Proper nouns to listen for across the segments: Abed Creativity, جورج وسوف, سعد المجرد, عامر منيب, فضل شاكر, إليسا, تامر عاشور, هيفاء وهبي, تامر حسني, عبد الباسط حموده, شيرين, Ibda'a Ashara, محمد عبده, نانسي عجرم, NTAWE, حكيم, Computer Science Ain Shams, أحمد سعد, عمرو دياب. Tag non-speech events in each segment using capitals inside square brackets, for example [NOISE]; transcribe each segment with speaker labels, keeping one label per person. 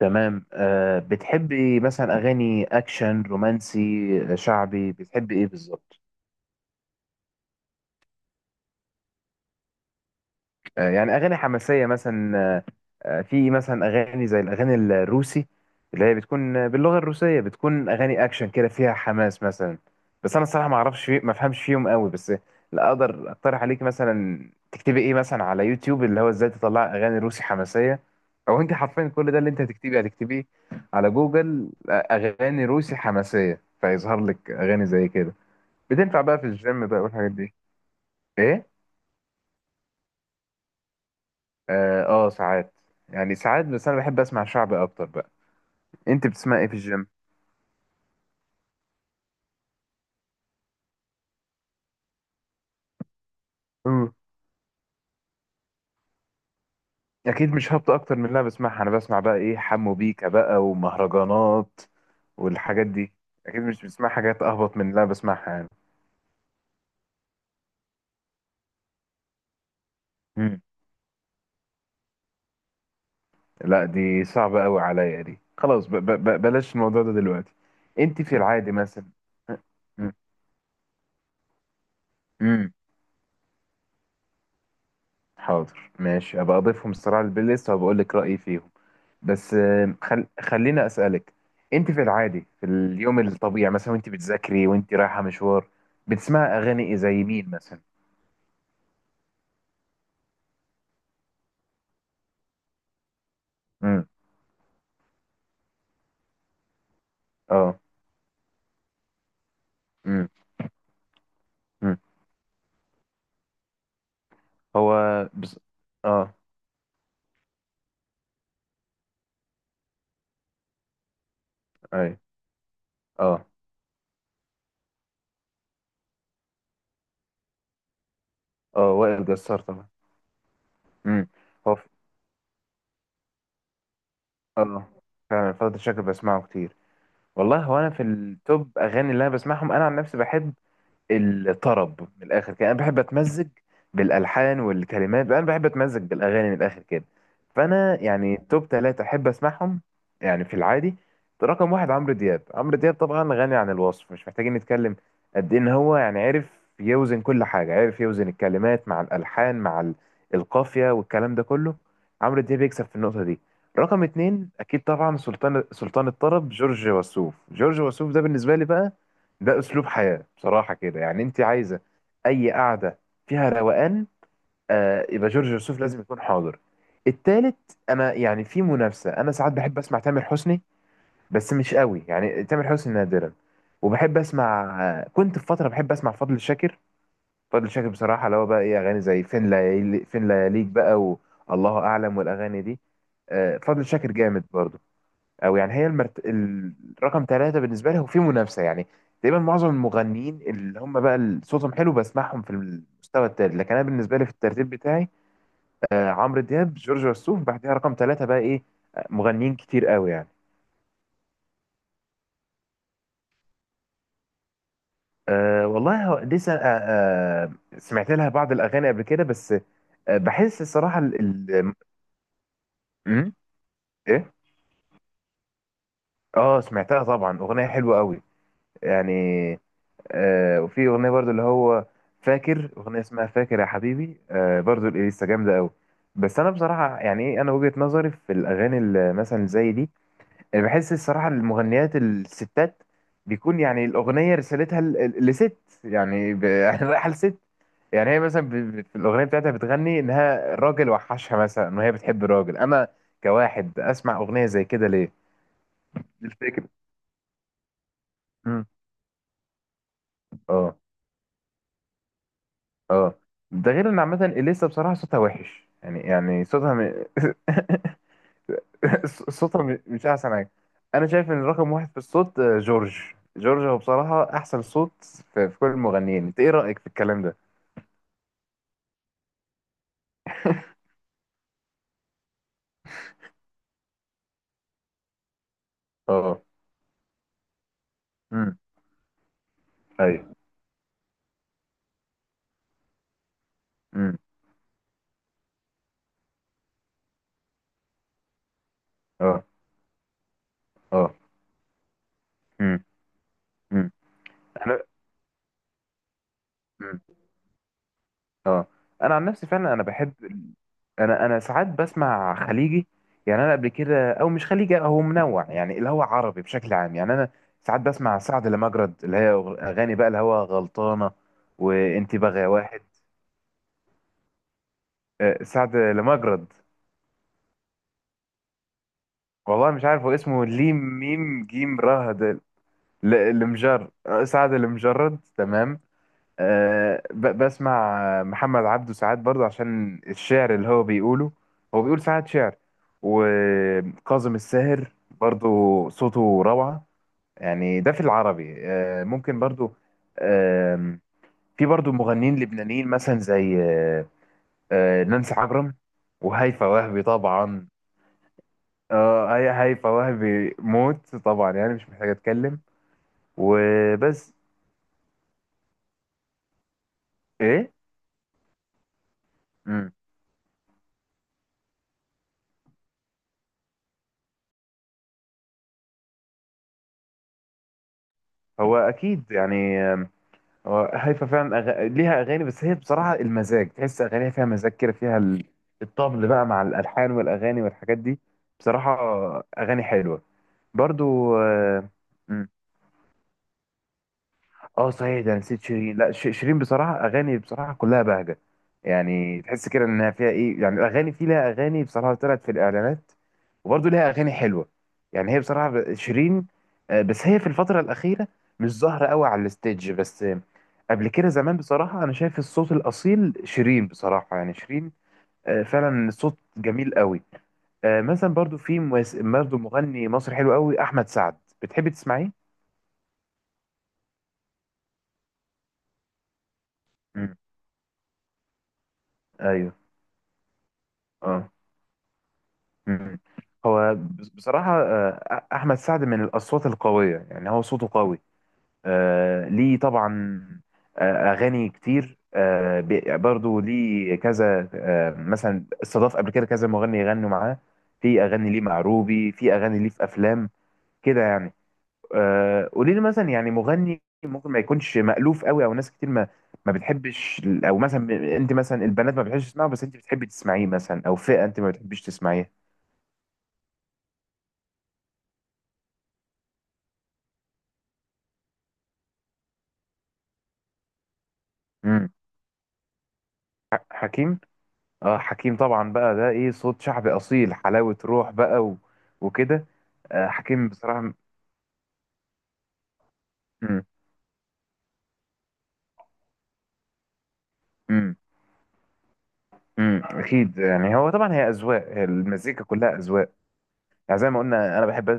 Speaker 1: تمام. بتحبي مثلا اغاني اكشن رومانسي؟ شعبي، بتحبي ايه بالظبط؟ يعني اغاني حماسيه مثلا في مثلا اغاني زي الاغاني الروسي، اللي هي بتكون باللغه الروسيه، بتكون اغاني اكشن كده فيها حماس مثلا. بس انا الصراحه ما اعرفش فيه، ما افهمش فيهم قوي، بس لا اقدر اقترح عليك. مثلا تكتبي ايه مثلا على يوتيوب، اللي هو ازاي تطلع اغاني روسي حماسيه، او انت حرفيا كل ده اللي انت هتكتبيه هتكتبيه على جوجل، اغاني روسي حماسيه، فيظهر لك اغاني زي كده. بتنفع بقى في الجيم بقى والحاجات دي. ايه. اه، ساعات. يعني ساعات، بس انا بحب اسمع شعبي اكتر بقى. انت بتسمع ايه في الجيم؟ مم. اكيد مش هبط اكتر من اللي انا بسمعها. انا بسمع بقى ايه، حمو بيكا بقى ومهرجانات والحاجات دي. اكيد مش بسمع حاجات اهبط من اللي انا بسمعها يعني. مم. لا دي صعبة قوي عليا دي، خلاص ب ب ب بلاش الموضوع ده دلوقتي. انت في العادي مثلا. امم. حاضر ماشي، ابقى اضيفهم الصراحة للبلاي ليست وبقول لك رأيي فيهم. بس خلينا اسالك، انت في العادي، في اليوم الطبيعي مثلا وانت بتذاكري وانت رايحه مشوار، بتسمعي اغاني إيه؟ زي مين مثلا؟ امم. اه. امم. امم. هو بس... اه. اي. اه. اه، وائل جسار طبعا. امم. هو ف... اه، فعلا فضل شاكر بسمعه كتير. والله، هو انا في التوب اغاني اللي انا بسمعهم انا عن نفسي بحب الطرب من الاخر كده. انا بحب اتمزج بالالحان والكلمات، انا بحب اتمزج بالاغاني من الاخر كده. فانا يعني توب ثلاثة احب اسمعهم يعني في العادي. رقم واحد عمرو دياب. عمرو دياب طبعا غني عن الوصف، مش محتاجين نتكلم قد إيه ان هو يعني عرف يوزن كل حاجه، عرف يوزن الكلمات مع الالحان مع القافيه والكلام ده كله. عمرو دياب يكسب في النقطه دي. رقم اتنين اكيد طبعا سلطان، سلطان الطرب جورج وسوف. جورج وسوف ده بالنسبه لي بقى ده اسلوب حياه بصراحه كده، يعني انت عايزه اي قعده فيها روقان، آه يبقى جورج وسوف لازم يكون حاضر. التالت، انا يعني في منافسه، انا ساعات بحب اسمع تامر حسني، بس مش قوي يعني تامر حسني نادرا. وبحب اسمع، كنت في فتره بحب اسمع فضل شاكر. فضل شاكر بصراحه اللي هو بقى ايه اغاني زي فين ليالي، فين لياليك بقى، والله اعلم، والاغاني دي. آه فضل شاكر جامد برضه. او يعني هي المرت... الرقم ثلاثة بالنسبة لي هو في منافسة يعني، تقريبا معظم المغنيين اللي هم بقى صوتهم حلو بسمعهم في المستوى التالت. لكن انا بالنسبة لي في الترتيب بتاعي، آه عمرو دياب، جورج وسوف، بعدها رقم ثلاثة بقى ايه، مغنيين كتير قوي يعني. والله هو لسه سمعت لها بعض الاغاني قبل كده، بس آه بحس الصراحة ال... م? ايه. اه، سمعتها طبعا، اغنية حلوة قوي يعني. وفي اغنيه برضو اللي هو فاكر اغنيه اسمها فاكر يا حبيبي، آه برضو الاليسا جامده قوي. بس انا بصراحه يعني ايه، انا وجهه نظري في الاغاني اللي مثلا زي دي، أنا بحس الصراحه المغنيات الستات بيكون يعني الاغنيه رسالتها لست. يعني [LAUGHS] يعني رايحه لست. يعني هي مثلا في الاغنيه بتاعتها بتغني انها راجل وحشها مثلا، ان هي بتحب راجل. انا كواحد اسمع اغنيه زي كده ليه؟ دي الفكره. مم. اه. اه. ده غير ان عامه اليسا بصراحه صوتها وحش يعني، يعني صوتها [LAUGHS] صوتها مش احسن حاجه. انا شايف ان رقم واحد في الصوت جورج. جورج هو بصراحه احسن صوت في كل المغنيين. انت ايه رايك في الكلام ده؟ اه. امم. ايوه. امم. اه. اه. امم. امم. انا. امم. اه، انا عن نفسي فعلا انا بحب. انا ساعات بسمع خليجي. يعني انا قبل كده، او مش خليجي، هو منوع يعني اللي هو عربي بشكل عام يعني. انا ساعات بسمع سعد لمجرد، اللي هي اغاني بقى اللي هو غلطانه وانت بغى واحد. سعد لمجرد. والله مش عارف، هو اسمه ليم ميم جيم راه ده. ل- المجر آه، سعد المجرد تمام. أه بسمع محمد عبده ساعات برضه عشان الشعر اللي هو بيقوله، هو بيقول ساعات شعر. وكاظم الساهر برضه صوته روعة يعني. ده في العربي، أه ممكن برضه. أه في برضه مغنيين لبنانيين مثلا زي أه آه، نانسي عجرم، وهيفاء وهبي طبعا. اه، هيفاء وهبي موت طبعا يعني مش محتاج اتكلم، وبس. ايه. مم. هو اكيد يعني، هو هيفا فعلا ليها اغاني، بس هي بصراحه المزاج، تحس اغانيها فيها مزاج كده فيها الطبل بقى مع الالحان والاغاني والحاجات دي. بصراحه اغاني حلوه برضو اه صحيح ده نسيت شيرين، لا شيرين بصراحه، اغاني بصراحه كلها بهجه يعني، تحس كده انها فيها ايه يعني اغاني، في لها اغاني بصراحه طلعت في الاعلانات، وبرضه لها اغاني حلوه يعني. هي بصراحه شيرين بس هي في الفتره الاخيره مش ظاهره قوي على الستيج، بس قبل كده زمان بصراحه انا شايف الصوت الاصيل شيرين بصراحه، يعني شيرين فعلا صوت جميل قوي. مثلا برضه في برضه مغني مصري حلو قوي، احمد سعد، بتحبي تسمعيه؟ مم. ايوه. اه. مم. هو بصراحة أحمد سعد من الأصوات القوية، يعني هو صوته قوي ليه طبعا أغاني كتير برضو ليه كذا مثلا استضاف قبل كده كذا مغني يغنوا معاه. في أغاني ليه مع روبي، في أغاني ليه في أفلام كده يعني. قولي لي مثلا يعني مغني ممكن ما يكونش مألوف قوي، أو ناس كتير ما بتحبش، أو مثلا أنت مثلا البنات ما بتحبش تسمعه بس أنت بتحبي تسمعيه مثلا، أو فئة أنت ما بتحبيش تسمعيها. حكيم. اه حكيم طبعا بقى ده ايه، صوت شعبي اصيل، حلاوة روح بقى وكده. آه حكيم بصراحة م... م... اكيد يعني، هو طبعا هي اذواق، هي المزيكا كلها اذواق يعني. زي ما قلنا انا بحب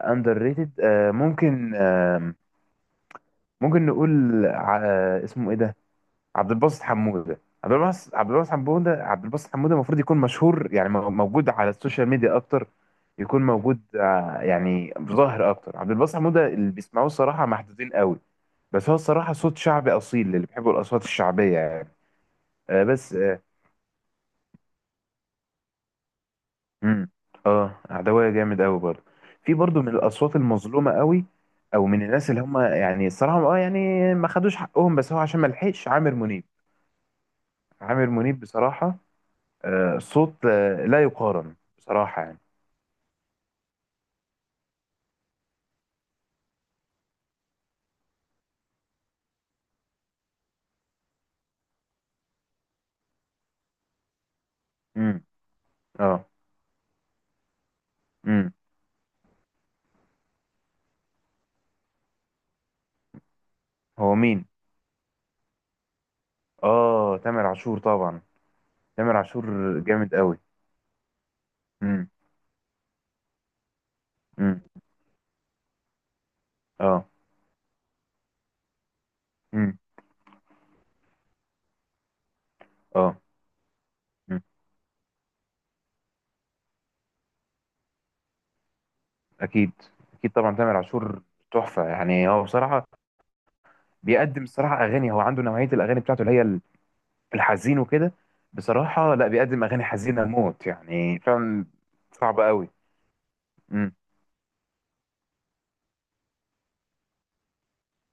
Speaker 1: اندر ريتد. آه ممكن، آه ممكن نقول اسمه ايه ده، عبد الباسط حموده. عبد الباسط حموده المفروض يكون مشهور، يعني موجود على السوشيال ميديا اكتر، يكون موجود يعني ظاهر اكتر. عبد الباسط حموده اللي بيسمعوه الصراحه محدودين قوي، بس هو الصراحه صوت شعبي اصيل اللي بيحبوا الاصوات الشعبيه يعني. آه بس اه. مم. اه، عدويه جامد قوي برضه، في برضه من الاصوات المظلومه قوي، او من الناس اللي هم يعني الصراحه اه يعني ما خدوش حقهم. بس هو عشان ما لحقش، عامر منيب. عامر منيب بصراحه صوت لا يقارن بصراحة يعني. امم. اه. امم. هو مين؟ اه، تامر عاشور طبعا. تامر عاشور جامد قوي. امم. امم. اه. امم. اه. امم. اكيد، اكيد طبعا تامر عاشور تحفة يعني. هو بصراحة بيقدم الصراحة اغاني، هو عنده نوعية الاغاني بتاعته اللي هي الحزين وكده بصراحة، لا بيقدم اغاني حزينة موت يعني فعلا. صعبة قوي. امم.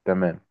Speaker 1: تمام.